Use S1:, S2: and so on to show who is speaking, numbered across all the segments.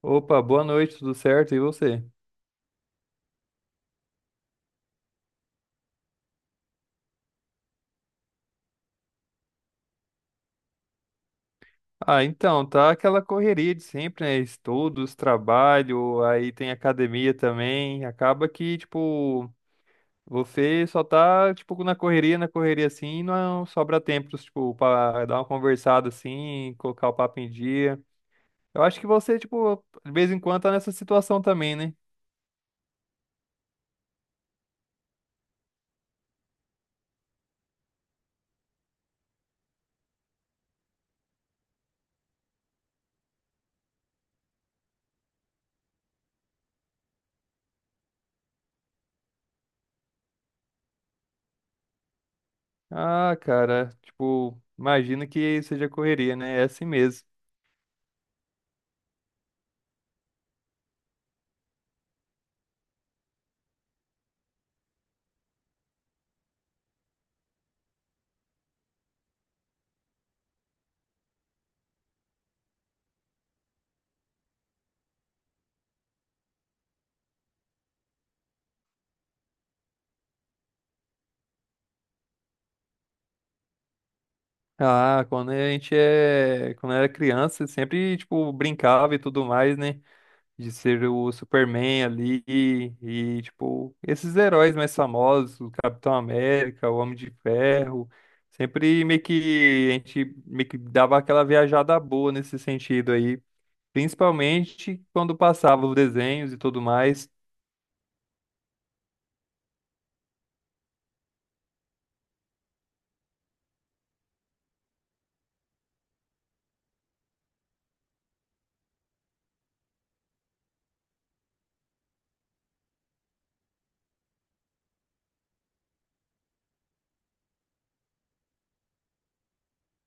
S1: Opa, boa noite, tudo certo? E você? Ah, então, tá aquela correria de sempre, né? Estudos, trabalho, aí tem academia também. Acaba que, tipo, você só tá, tipo, na correria assim, e não sobra tempo, tipo, pra dar uma conversada assim, colocar o papo em dia. Eu acho que você, tipo, de vez em quando tá nessa situação também, né? Ah, cara, tipo, imagino que seja correria, né? É assim mesmo. Ah, quando a gente é, quando era criança, sempre tipo brincava e tudo mais, né? De ser o Superman ali e tipo esses heróis mais famosos, o Capitão América, o Homem de Ferro, sempre meio que a gente meio que dava aquela viajada boa nesse sentido aí, principalmente quando passava os desenhos e tudo mais.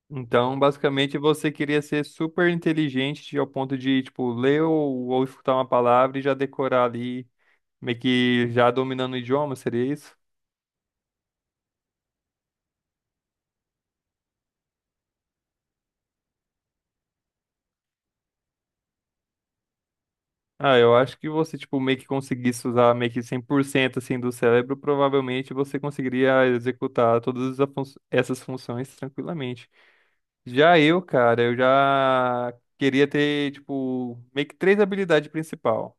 S1: Então, basicamente, você queria ser super inteligente ao ponto de, tipo, ler ou escutar uma palavra e já decorar ali, meio que já dominando o idioma, seria isso? Ah, eu acho que você, tipo, meio que conseguisse usar meio que 100% assim do cérebro, provavelmente você conseguiria executar todas as essas funções tranquilamente. Já eu, cara, eu já queria ter, tipo, meio que três habilidades principal.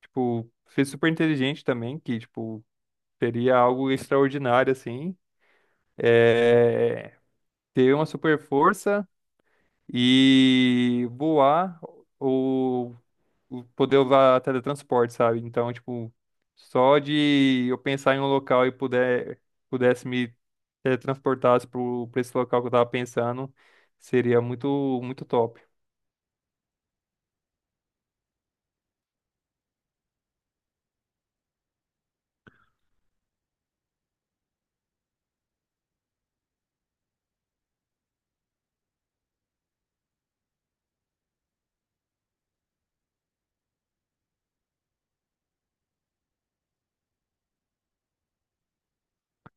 S1: Tipo, ser super inteligente também, que, tipo, seria algo extraordinário, assim. É... Ter uma super força e voar ou poder usar teletransporte, sabe? Então, tipo, só de eu pensar em um local e pudesse me teletransportar para esse local que eu tava pensando, seria muito, muito top.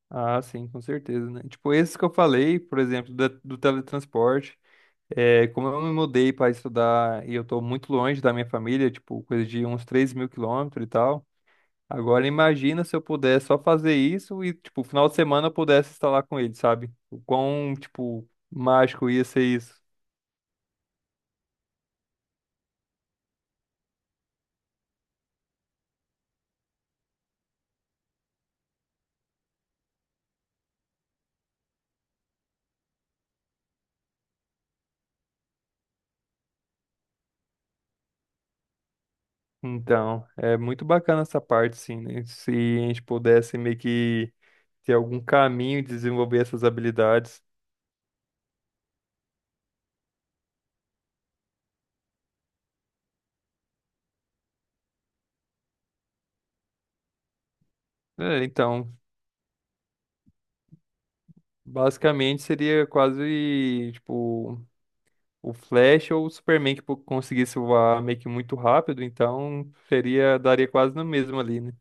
S1: Ah, sim, com certeza, né? Tipo, esses que eu falei, por exemplo, do teletransporte, é, como eu me mudei para estudar e eu tô muito longe da minha família, tipo, coisa de uns 3.000 quilômetros e tal. Agora imagina se eu pudesse só fazer isso e, tipo, final de semana eu pudesse estar lá com ele, sabe? O quão, tipo, mágico ia ser isso. Então, é muito bacana essa parte, sim, né? Se a gente pudesse meio que ter algum caminho de desenvolver essas habilidades. É, então, basicamente seria quase, tipo, o Flash ou o Superman que conseguisse voar meio que muito rápido, então seria, daria quase no mesmo ali, né?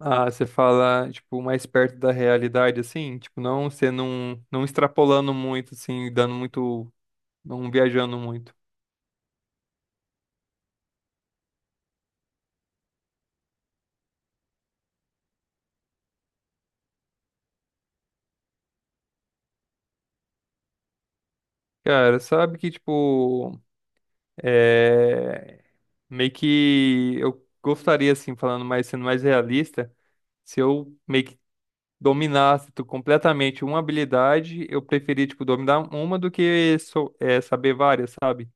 S1: Ah, você fala, tipo, mais perto da realidade, assim? Tipo, não, você não extrapolando muito, assim, não viajando muito. Cara, sabe que, tipo, é... meio que eu gostaria, assim, falando mais, sendo mais realista, se eu meio que dominasse completamente uma habilidade, eu preferia, tipo, dominar uma do que saber várias, sabe?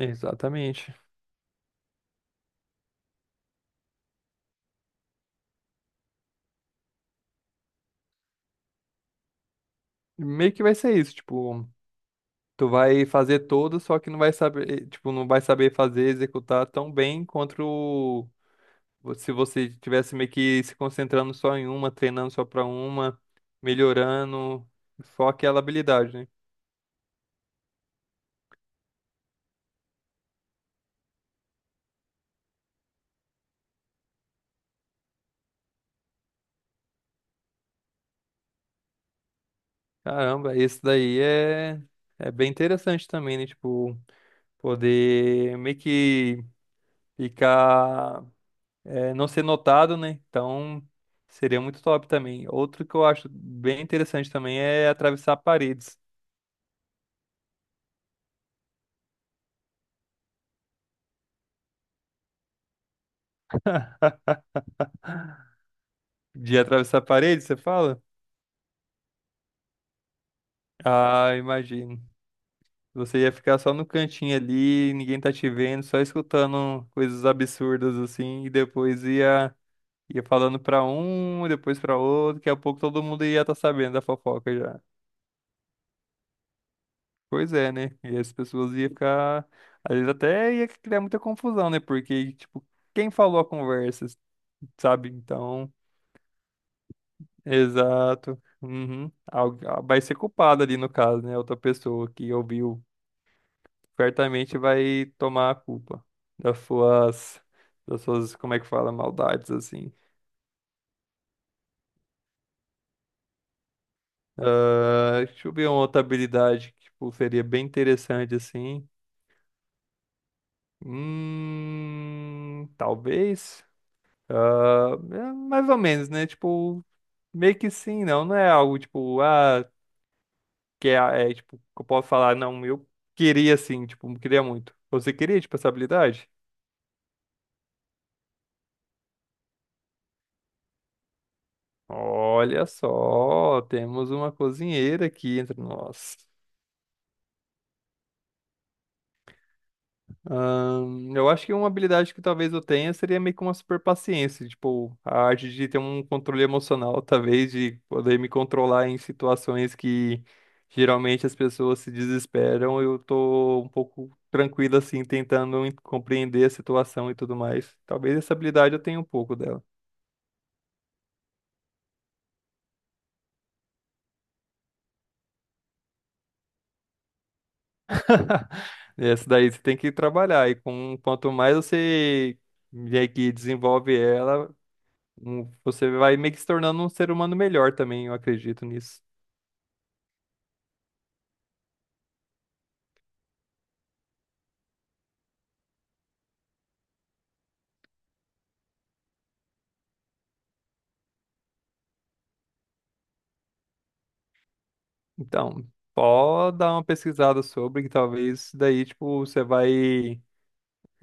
S1: Exatamente. Meio que vai ser isso, tipo. Tu vai fazer todo, só que não vai saber, tipo, não vai saber fazer, executar tão bem quanto se você tivesse meio que se concentrando só em uma, treinando só pra uma, melhorando só aquela habilidade, né? Caramba, isso daí é bem interessante também, né? Tipo, poder meio que ficar, não ser notado, né? Então, seria muito top também. Outro que eu acho bem interessante também é atravessar paredes. De atravessar a parede, você fala? Ah, imagino. Você ia ficar só no cantinho ali, ninguém tá te vendo, só escutando coisas absurdas assim, e depois ia, falando pra um, depois pra outro, daqui a pouco todo mundo ia estar sabendo da fofoca já. Pois é, né? E as pessoas iam ficar. Às vezes até ia criar muita confusão, né? Porque, tipo, quem falou a conversa, sabe? Então. Exato. Uhum. Vai ser culpado ali no caso, né? Outra pessoa que ouviu certamente vai tomar a culpa das suas, das suas, como é que fala, maldades, assim. Ah, deixa eu ver uma outra habilidade que, tipo, seria bem interessante, assim. Talvez. Ah, é mais ou menos, né? Tipo, meio que sim, não. Não é algo, tipo, ah, que é, tipo, que eu posso falar, não, eu queria, assim, tipo, queria muito. Você queria, tipo, essa habilidade? Olha só, temos uma cozinheira aqui entre nós. Eu acho que uma habilidade que talvez eu tenha seria meio que uma super paciência, tipo, a arte de ter um controle emocional, talvez, de poder me controlar em situações que geralmente as pessoas se desesperam, eu tô um pouco tranquilo assim, tentando compreender a situação e tudo mais. Talvez essa habilidade eu tenha um pouco dela. Essa daí você tem que trabalhar, e com, quanto mais você meio que desenvolve ela, você vai meio que se tornando um ser humano melhor também, eu acredito nisso. Então, só dar uma pesquisada sobre, que talvez daí, tipo, você vai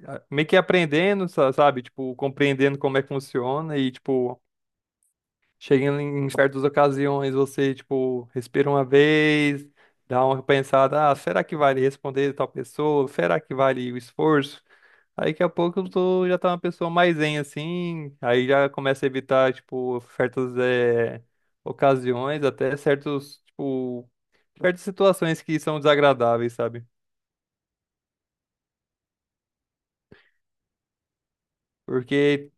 S1: meio que aprendendo, sabe? Tipo, compreendendo como é que funciona e, tipo, chegando em certas ocasiões, você, tipo, respira uma vez, dá uma pensada, ah, será que vale responder tal pessoa? Será que vale o esforço? Aí daqui a pouco eu tô, já tá uma pessoa mais zen assim, aí já começa a evitar, tipo, certas ocasiões, até certos, tipo, certas situações que são desagradáveis, sabe? Porque,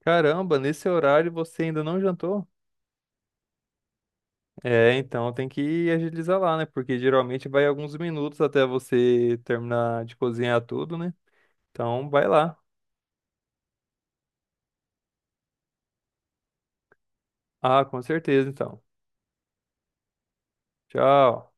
S1: caramba, nesse horário você ainda não jantou? É, então tem que agilizar lá, né? Porque geralmente vai alguns minutos até você terminar de cozinhar tudo, né? Então vai lá. Ah, com certeza, então. Tchau.